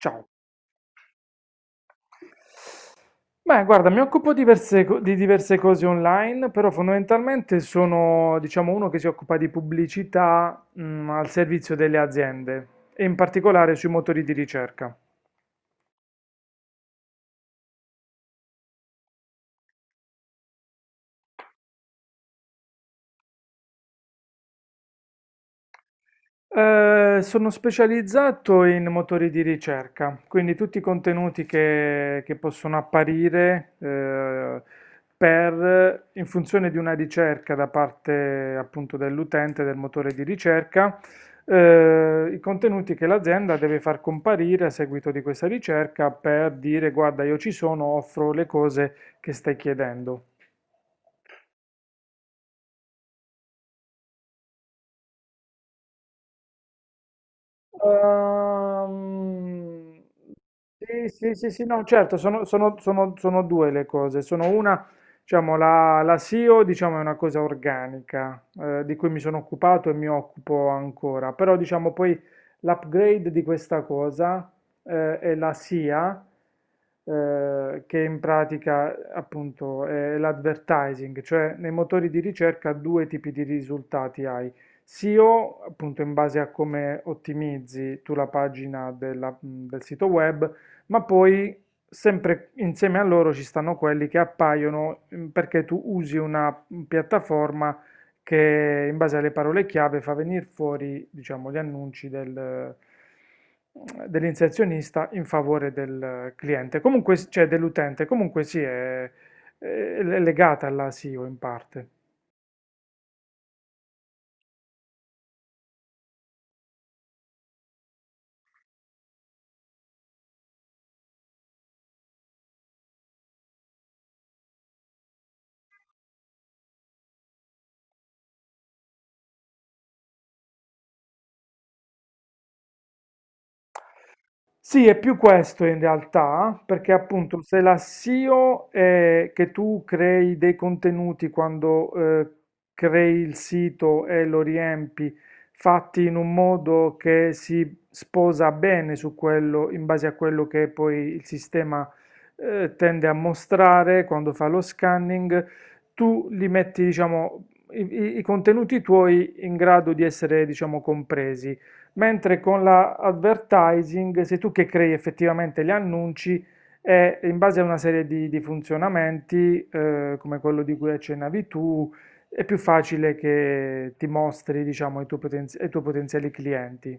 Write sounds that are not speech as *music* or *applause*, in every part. Ciao. Beh, guarda, mi occupo di diverse cose online, però fondamentalmente sono, diciamo, uno che si occupa di pubblicità, al servizio delle aziende e in particolare sui motori di ricerca. Sono specializzato in motori di ricerca, quindi tutti i contenuti che possono apparire per, in funzione di una ricerca da parte appunto dell'utente del motore di ricerca, i contenuti che l'azienda deve far comparire a seguito di questa ricerca per dire guarda, io ci sono, offro le cose che stai chiedendo. Ehm, sì, sì, sì, sì, no, certo, sono due le cose. Sono una, diciamo, la SEO, diciamo, è una cosa organica, di cui mi sono occupato e mi occupo ancora, però, diciamo, poi l'upgrade di questa cosa, è la SIA, che in pratica, appunto, è l'advertising, cioè nei motori di ricerca due tipi di risultati hai. SEO, appunto in base a come ottimizzi tu la pagina del sito web, ma poi sempre insieme a loro ci stanno quelli che appaiono perché tu usi una piattaforma che in base alle parole chiave fa venire fuori, diciamo, gli annunci dell'inserzionista in favore del cliente, comunque, cioè dell'utente, comunque sì, è legata alla SEO in parte. Sì, è più questo in realtà, perché appunto se la SEO è che tu crei dei contenuti quando crei il sito e lo riempi, fatti in un modo che si sposa bene su quello, in base a quello che poi il sistema tende a mostrare quando fa lo scanning, tu li metti, diciamo, i contenuti tuoi in grado di essere, diciamo, compresi, mentre con la advertising sei tu che crei effettivamente gli annunci e in base a una serie di funzionamenti, come quello di cui accennavi tu, è più facile che ti mostri, diciamo, ai tuoi potenziali clienti.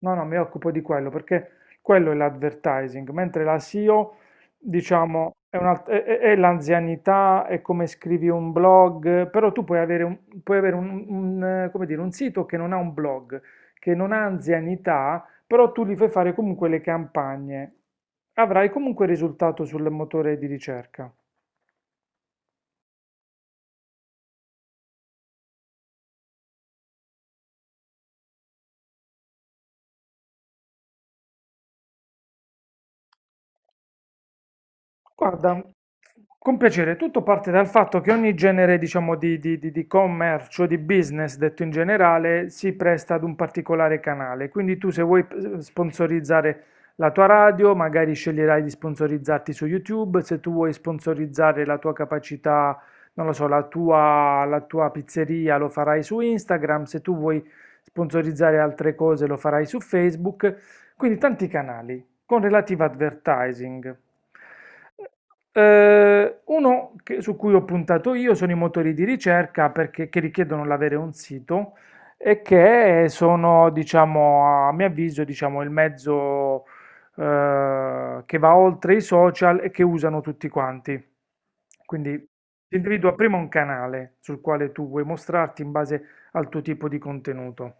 No, no, mi occupo di quello perché quello è l'advertising, mentre la SEO, diciamo, è l'anzianità, è come scrivi un blog, però tu puoi avere un, come dire, un sito che non ha un blog, che non ha anzianità, però tu gli fai fare comunque le campagne. Avrai comunque risultato sul motore di ricerca. Guarda, con piacere, tutto parte dal fatto che ogni genere, diciamo, di commercio, di business, detto in generale, si presta ad un particolare canale. Quindi tu se vuoi sponsorizzare la tua radio, magari sceglierai di sponsorizzarti su YouTube, se tu vuoi sponsorizzare la tua capacità, non lo so, la tua pizzeria lo farai su Instagram, se tu vuoi sponsorizzare altre cose lo farai su Facebook, quindi tanti canali con relativo advertising. Uno su cui ho puntato io sono i motori di ricerca perché, che richiedono l'avere un sito e che sono, diciamo, a mio avviso, diciamo, il mezzo che va oltre i social e che usano tutti quanti. Quindi ti individua prima un canale sul quale tu vuoi mostrarti in base al tuo tipo di contenuto.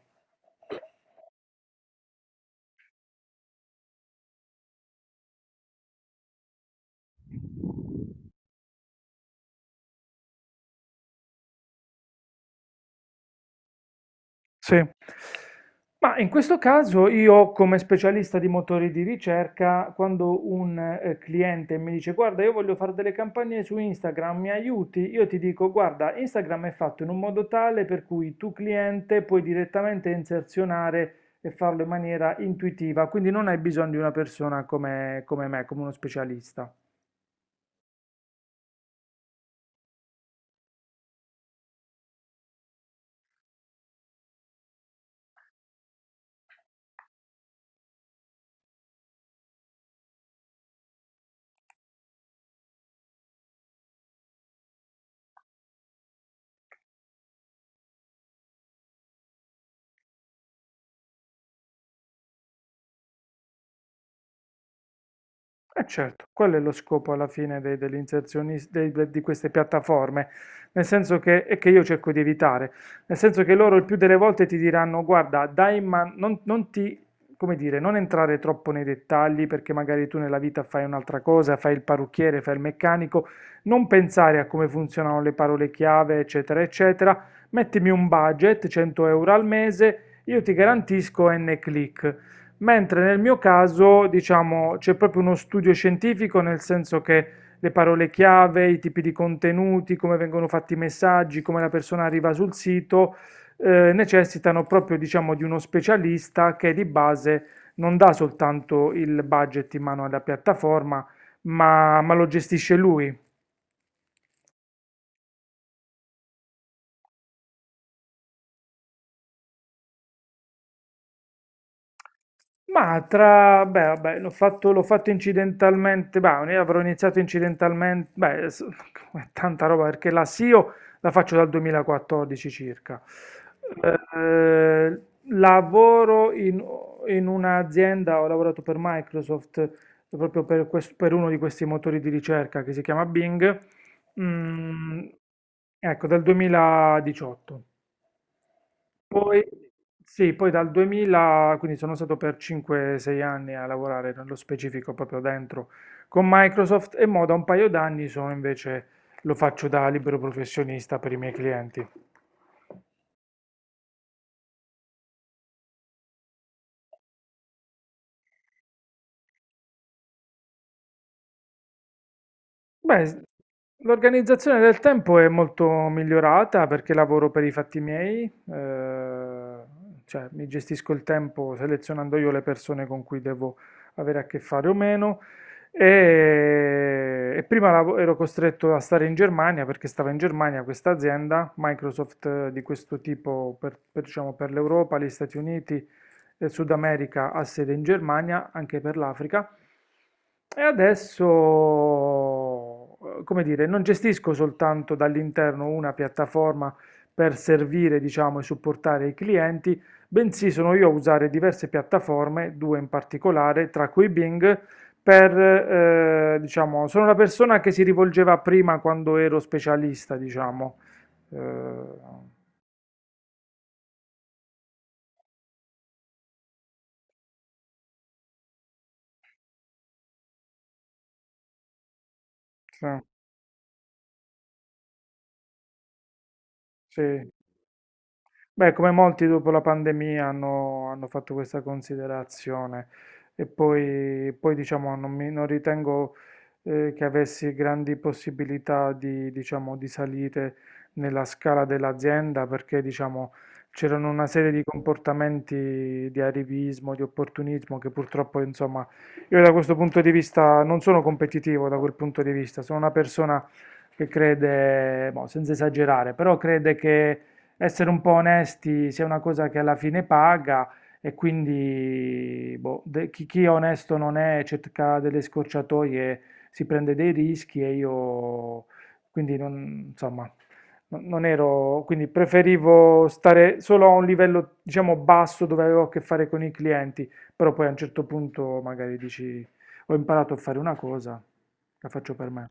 Sì. Ma in questo caso io, come specialista di motori di ricerca, quando un cliente mi dice guarda io voglio fare delle campagne su Instagram, mi aiuti? Io ti dico guarda Instagram è fatto in un modo tale per cui tu cliente puoi direttamente inserzionare e farlo in maniera intuitiva, quindi non hai bisogno di una persona come me, come uno specialista. Eh certo, quello è lo scopo alla fine degli inserzionisti, di queste piattaforme, nel senso che, e che io cerco di evitare, nel senso che loro il più delle volte ti diranno, guarda, dai, ma non ti, come dire, non entrare troppo nei dettagli perché magari tu nella vita fai un'altra cosa, fai il parrucchiere, fai il meccanico, non pensare a come funzionano le parole chiave, eccetera, eccetera, mettimi un budget, 100 euro al mese, io ti garantisco N click, mentre nel mio caso, diciamo, c'è proprio uno studio scientifico, nel senso che le parole chiave, i tipi di contenuti, come vengono fatti i messaggi, come la persona arriva sul sito, necessitano proprio, diciamo, di uno specialista che di base non dà soltanto il budget in mano alla piattaforma, ma lo gestisce lui. Ma beh, vabbè, l'ho fatto incidentalmente, bah, ne avrò iniziato incidentalmente, beh, *laughs* è tanta roba perché la SEO la faccio dal 2014 circa. Eh, Lavoro in un'azienda, ho lavorato per Microsoft proprio per uno di questi motori di ricerca che si chiama Bing, mm, ecco, dal 2018. Poi, sì, poi dal 2000, quindi sono stato per 5-6 anni a lavorare nello specifico proprio dentro con Microsoft, e mo da un paio d'anni sono invece, lo faccio da libero professionista per i miei clienti. Beh, l'organizzazione del tempo è molto migliorata perché lavoro per i fatti miei, cioè mi gestisco il tempo selezionando io le persone con cui devo avere a che fare o meno. E prima ero costretto a stare in Germania perché stava in Germania questa azienda, Microsoft di questo tipo per, diciamo, per l'Europa, gli Stati Uniti e Sud America ha sede in Germania, anche per l'Africa. E adesso, come dire, non gestisco soltanto dall'interno una piattaforma per servire, diciamo, e supportare i clienti, bensì sono io a usare diverse piattaforme, due in particolare, tra cui Bing, per, diciamo, sono la persona che si rivolgeva prima quando ero specialista, diciamo. Eh, sì, sì. Beh, come molti dopo la pandemia hanno fatto questa considerazione, e poi, diciamo, non ritengo che avessi grandi possibilità di, diciamo, di salite nella scala dell'azienda, perché, diciamo, c'erano una serie di comportamenti di arrivismo, di opportunismo che purtroppo, insomma, io da questo punto di vista non sono competitivo, da quel punto di vista sono una persona che crede, boh, senza esagerare, però crede che essere un po' onesti sia una cosa che alla fine paga, e quindi boh, chi è onesto non è, cerca delle scorciatoie, si prende dei rischi e io quindi non, insomma, non ero, quindi preferivo stare solo a un livello, diciamo, basso, dove avevo a che fare con i clienti, però poi a un certo punto magari dici ho imparato a fare una cosa, la faccio per me.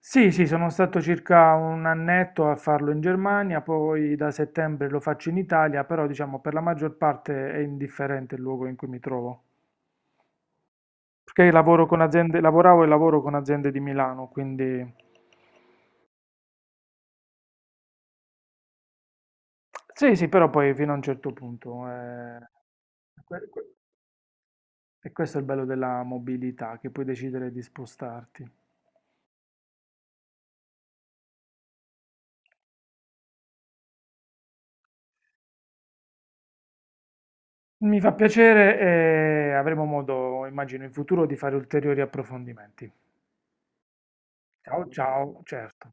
Sì, sì, sono stato circa un annetto a farlo in Germania, poi da settembre lo faccio in Italia, però diciamo per la maggior parte è indifferente il luogo in cui mi trovo. Perché lavoro con aziende, lavoravo e lavoro con aziende di Milano, quindi sì, sì, però poi fino a un certo punto. Que- que- E questo è il bello della mobilità, che puoi decidere di spostarti. Mi fa piacere e avremo modo, immagino, in futuro di fare ulteriori approfondimenti. Ciao, ciao, certo.